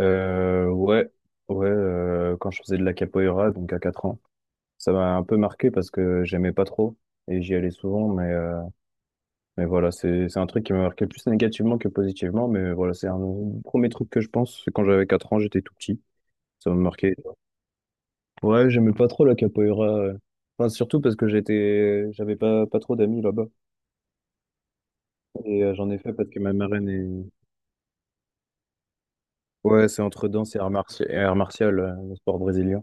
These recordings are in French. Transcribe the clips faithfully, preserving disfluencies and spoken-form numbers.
Euh, ouais, ouais, euh, quand je faisais de la capoeira, donc à quatre ans, ça m'a un peu marqué parce que j'aimais pas trop et j'y allais souvent, mais, euh, mais voilà, c'est, c'est un truc qui m'a marqué plus négativement que positivement, mais voilà, c'est un des premiers trucs que je pense, c'est quand j'avais quatre ans, j'étais tout petit, ça m'a marqué. Ouais, j'aimais pas trop la capoeira, euh. Enfin, surtout parce que j'étais, j'avais pas, pas trop d'amis là-bas et euh, j'en ai fait parce que ma marraine est, ouais, c'est entre danse et art marti- et art martial, euh, le sport brésilien.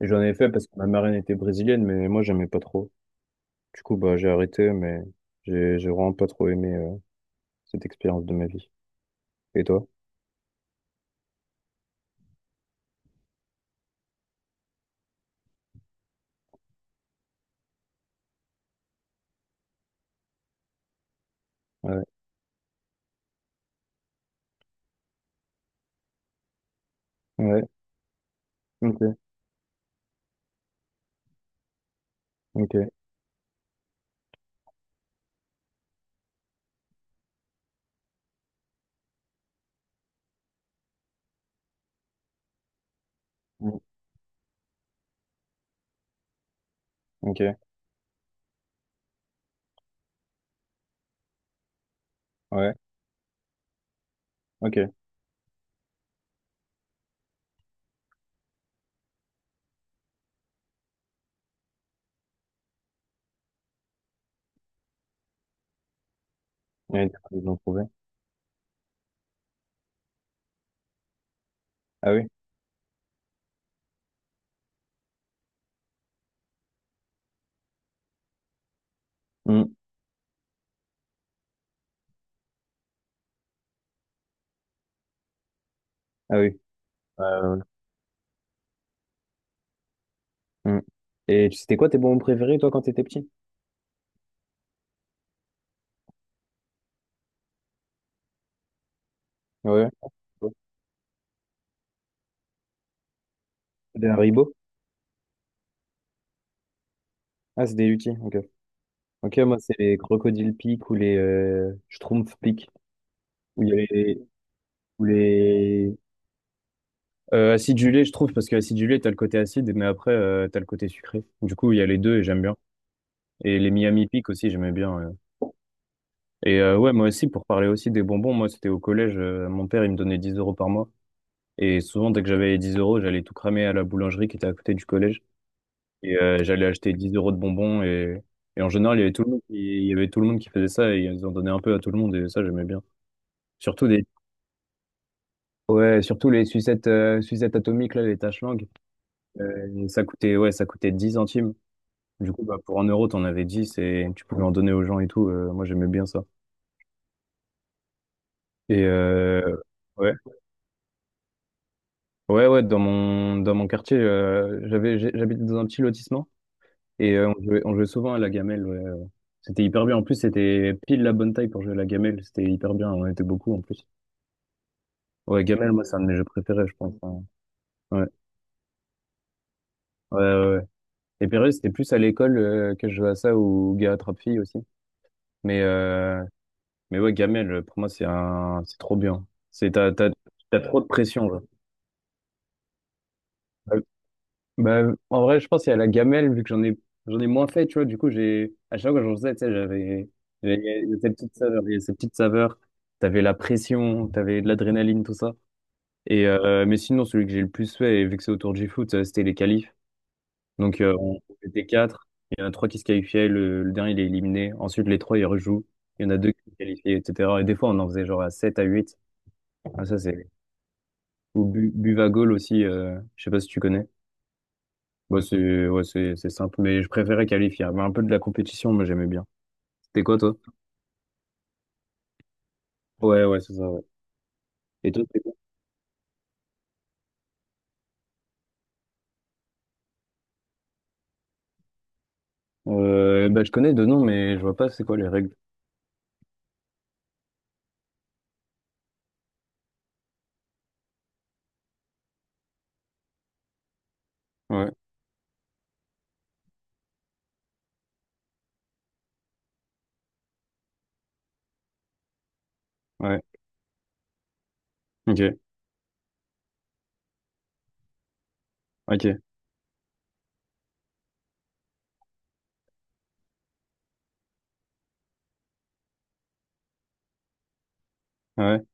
Et j'en ai fait parce que ma marraine était brésilienne, mais moi j'aimais pas trop. Du coup, bah, j'ai arrêté, mais j'ai j'ai vraiment pas trop aimé, euh, cette expérience de ma vie. Et toi? Ouais, ouais, ok, ok, mm, ok, ouais, ok. Ouais, du coup, ils l'ont trouvé. Ah oui? Mm, ah oui. Ouais, ouais, ouais, mm. Et tu- c'était quoi tes bonbons préférés, toi, quand t'étais petit? Ouais. Des Haribo? Ah, c'est des Lucky, ok. Ok, moi, c'est les Crocodile Peak ou les euh, Schtroumpf Peak. Où il y a les... où les... Euh, acidulé, je trouve, parce que acidulé, t'as le côté acide, mais après, euh, t'as le côté sucré. Du coup, il y a les deux et j'aime bien. Et les Miami Peak aussi, j'aimais bien. Ouais. Et euh, ouais, moi aussi, pour parler aussi des bonbons, moi, c'était au collège. Euh, mon père, il me donnait dix euros par mois. Et souvent, dès que j'avais les dix euros, j'allais tout cramer à la boulangerie qui était à côté du collège. Et euh, j'allais acheter dix euros de bonbons. Et, et en général, il y avait tout le monde qui, il y avait tout le monde qui faisait ça. Et ils en donnaient un peu à tout le monde. Et ça, j'aimais bien. Surtout des, ouais, surtout les sucettes, euh, sucettes atomiques, là, les taches langues. Euh, ça coûtait, ouais, ça coûtait dix centimes. Du coup, bah, pour un euro, t'en avais dix et tu pouvais en donner aux gens et tout. Euh, moi, j'aimais bien ça. Et euh, Ouais. Ouais, ouais, dans mon, dans mon quartier, euh, j'avais, j'ai- j'habitais dans un petit lotissement et euh, on jouait, on jouait souvent à la gamelle. ouais, euh. C'était hyper bien. En plus, c'était pile la bonne taille pour jouer à la gamelle. C'était hyper bien. On était beaucoup en plus. Ouais, gamelle, moi, c'est un de mes jeux préférés, je pense, hein. Ouais, ouais, ouais. Ouais. Et Pérus, c'était plus à l'école, euh, que je jouais à ça ou gars attrape fille aussi. Mais, euh, mais ouais, gamelle, pour moi, c'est un, c'est trop bien. C'est, t'as, t'as, t'as trop de pression, là. Bah, en vrai, je pense qu'il y a la gamelle, vu que j'en ai, j'en ai moins fait, tu vois. Du coup, j'ai, à chaque fois que j'en faisais, tu sais, j'avais, j'avais- il y a cette petite saveur, il y a cette petite saveur. T'avais la pression, t'avais de l'adrénaline, tout ça. Et, euh, mais sinon, celui que j'ai le plus fait, et vu que c'est autour du foot, euh, c'était les qualifs. Donc, euh, on on était quatre. Il y en a trois qui se qualifiaient, le, le dernier, il est éliminé. Ensuite, les trois, ils rejouent. Il y en a deux qui se qualifient, et cetera. Et des fois, on en faisait genre à sept à huit. Ah, ça, c'est, ou bu, Buvagoal aussi, euh, je sais pas si tu connais. Bon, c'est ouais, c'est c'est simple, mais je préférais qualifier. Il y avait un peu de la compétition, mais j'aimais bien. C'était quoi, toi? Ouais, ouais, c'est ça, ouais. Et toi, c'est quoi? Euh, bah, je connais deux noms, mais je vois pas c'est quoi les règles. Ouais, ouais. Ok, ok. Ouais,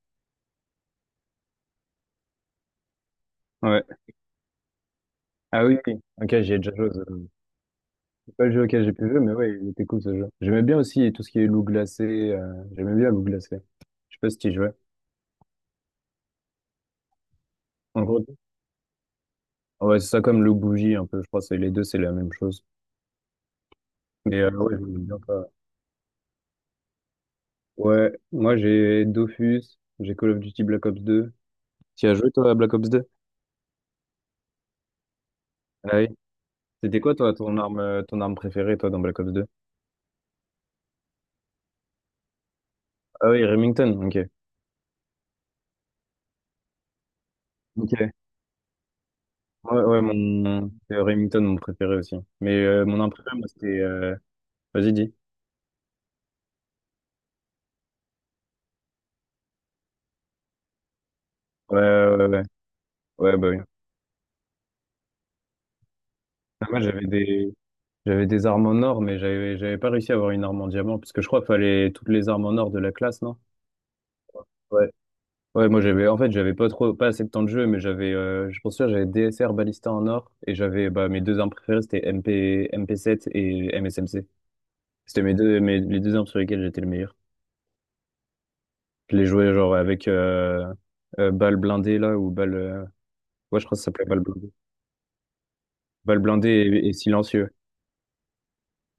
ouais. Ah oui, oui. Ok, j'y ai déjà joué, ça. C'est pas le jeu auquel j'ai pu jouer, mais ouais, il était cool ce jeu. J'aimais bien aussi tout ce qui est loup glacé. euh, J'aimais bien loup glacé. Je sais pas si tu y jouais. En gros, ouais, c'est ça comme le bougie un peu, je crois, c'est les deux, c'est la même chose. Mais euh, ouais, je voulais bien pas. Ouais, moi j'ai Dofus, j'ai Call of Duty Black Ops deux. Tu as joué toi à Black Ops deux? Ah oui. C'était quoi toi ton arme euh, ton arme préférée toi dans Black Ops deux? Ah oui, Remington, ok. Ok. Ouais, ouais, mon c'est Remington mon préféré aussi. Mais euh, mon arme préférée, moi, c'était, euh, vas-y, dis. Ouais, ouais, ouais. Ouais, bah oui. Ah, moi j'avais des j'avais des armes en or, mais j'avais j'avais pas réussi à avoir une arme en diamant, parce que je crois qu'il fallait toutes les armes en or de la classe, non? Ouais. Ouais, moi j'avais en fait j'avais pas trop pas assez de temps de jeu, mais j'avais, euh, je pense que j'avais D S R Ballista en or et j'avais bah mes deux armes préférées c'était M P M P sept et M S M C. C'était mes deux, mes- les deux armes sur lesquelles j'étais le meilleur. Je les jouais genre avec euh, euh, balle blindée là ou balle, euh, ouais, je crois que ça s'appelait balle blindée. Balle blindée et, et silencieux.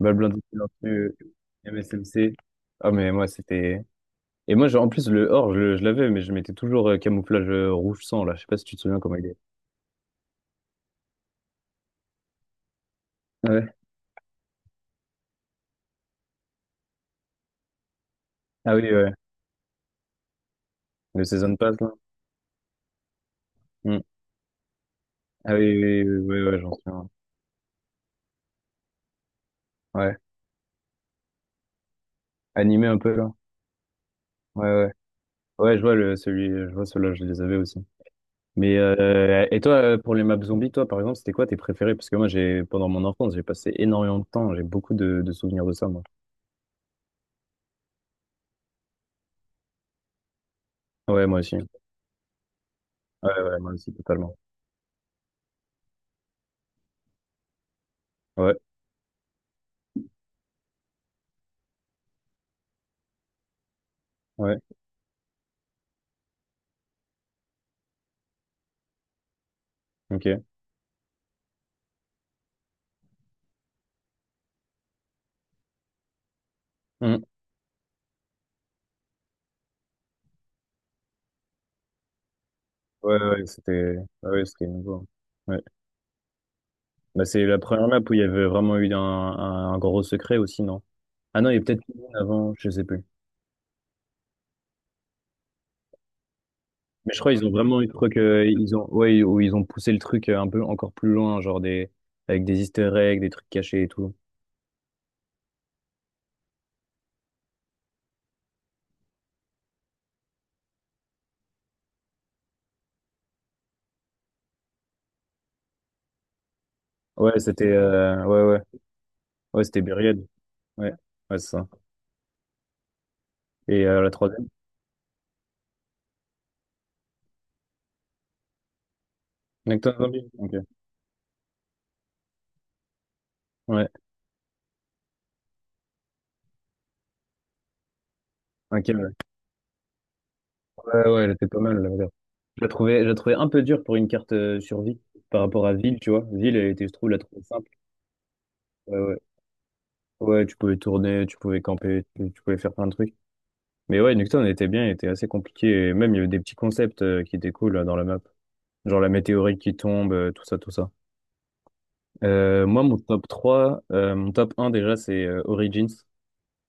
Balle blindée, silencieux, M S M C. Ah, mais moi, c'était. Et moi, genre, en plus, le or, je, le- je l'avais, mais je mettais toujours euh, camouflage, euh, rouge sang là. Je sais pas si tu te souviens comment il est. Ouais. Ah oui, ouais. Le Season Pass là. Hmm. Ah oui, oui, oui, oui, ouais, ouais, j'en souviens. Ouais. Animé un peu là. Ouais, ouais. Ouais, je vois le, celui, je vois ceux-là, je les avais aussi. Mais euh, et toi, euh, pour les maps zombies, toi, par exemple, c'était quoi tes préférés? Parce que moi, j'ai pendant mon enfance, j'ai passé énormément de temps, j'ai beaucoup de, de souvenirs de ça, moi. Ouais, moi aussi. Ouais, ouais, moi aussi, totalement. Ouais, ouais, ok. Mm. Ouais, ouais, ouais, c'était, ouais, ouais, c'était nouveau. Ouais. Bah, c'est la première map où il y avait vraiment eu un, un, un gros secret aussi, non? Ah non, il y a peut-être une avant, je sais plus. Mais je crois qu'ils ont vraiment eu le truc, euh, ils ont, ouais, où ils ont poussé le truc, euh, un peu encore plus loin, genre des, avec des easter eggs, des trucs cachés et tout. Ouais, c'était, euh, ouais, ouais, ouais, c'était Buried. Ouais, ouais, c'est ça. Et euh, la troisième? Necton Zombie. Ok. Ouais. Ok, ouais. Ouais, ouais, elle était pas mal, la verdade. Je la trouvais, je la trouvais un peu dure pour une carte, euh, survie par rapport à Ville, tu vois. Ville, elle était, je trouve, la trouvais simple. Ouais, ouais. Ouais, tu pouvais tourner, tu pouvais camper, tu, tu pouvais faire plein de trucs. Mais ouais, Nocturne elle était bien, il était assez compliqué. Et même, il y avait des petits concepts, euh, qui étaient cool là, dans la map. Genre la météorite qui tombe, euh, tout ça, tout ça. Euh, moi, mon top trois, euh, mon top un déjà, c'est, euh, Origins.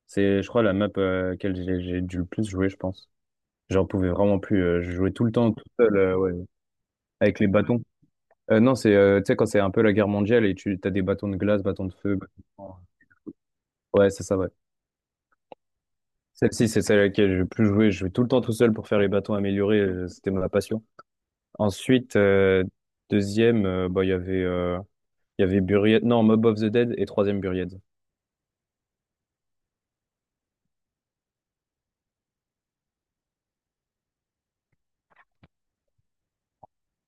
C'est, je crois, la map, euh, à laquelle j'ai j'ai dû le plus jouer, je pense. J'en pouvais vraiment plus. Euh, je jouais tout le temps tout seul, euh, ouais, avec les bâtons. Euh, non, c'est, euh, tu sais, quand c'est un peu la guerre mondiale et tu as des bâtons de glace, bâtons de feu, bâtons de sang. Ouais, c'est ça, ouais. Celle-ci, c'est celle à laquelle j'ai le plus joué. Je jouais tout le temps tout seul pour faire les bâtons améliorés. euh, C'était ma passion. Ensuite, euh, deuxième, euh, bah, il y avait, euh, il y avait Buried. Non, Mob of the Dead et troisième Buried.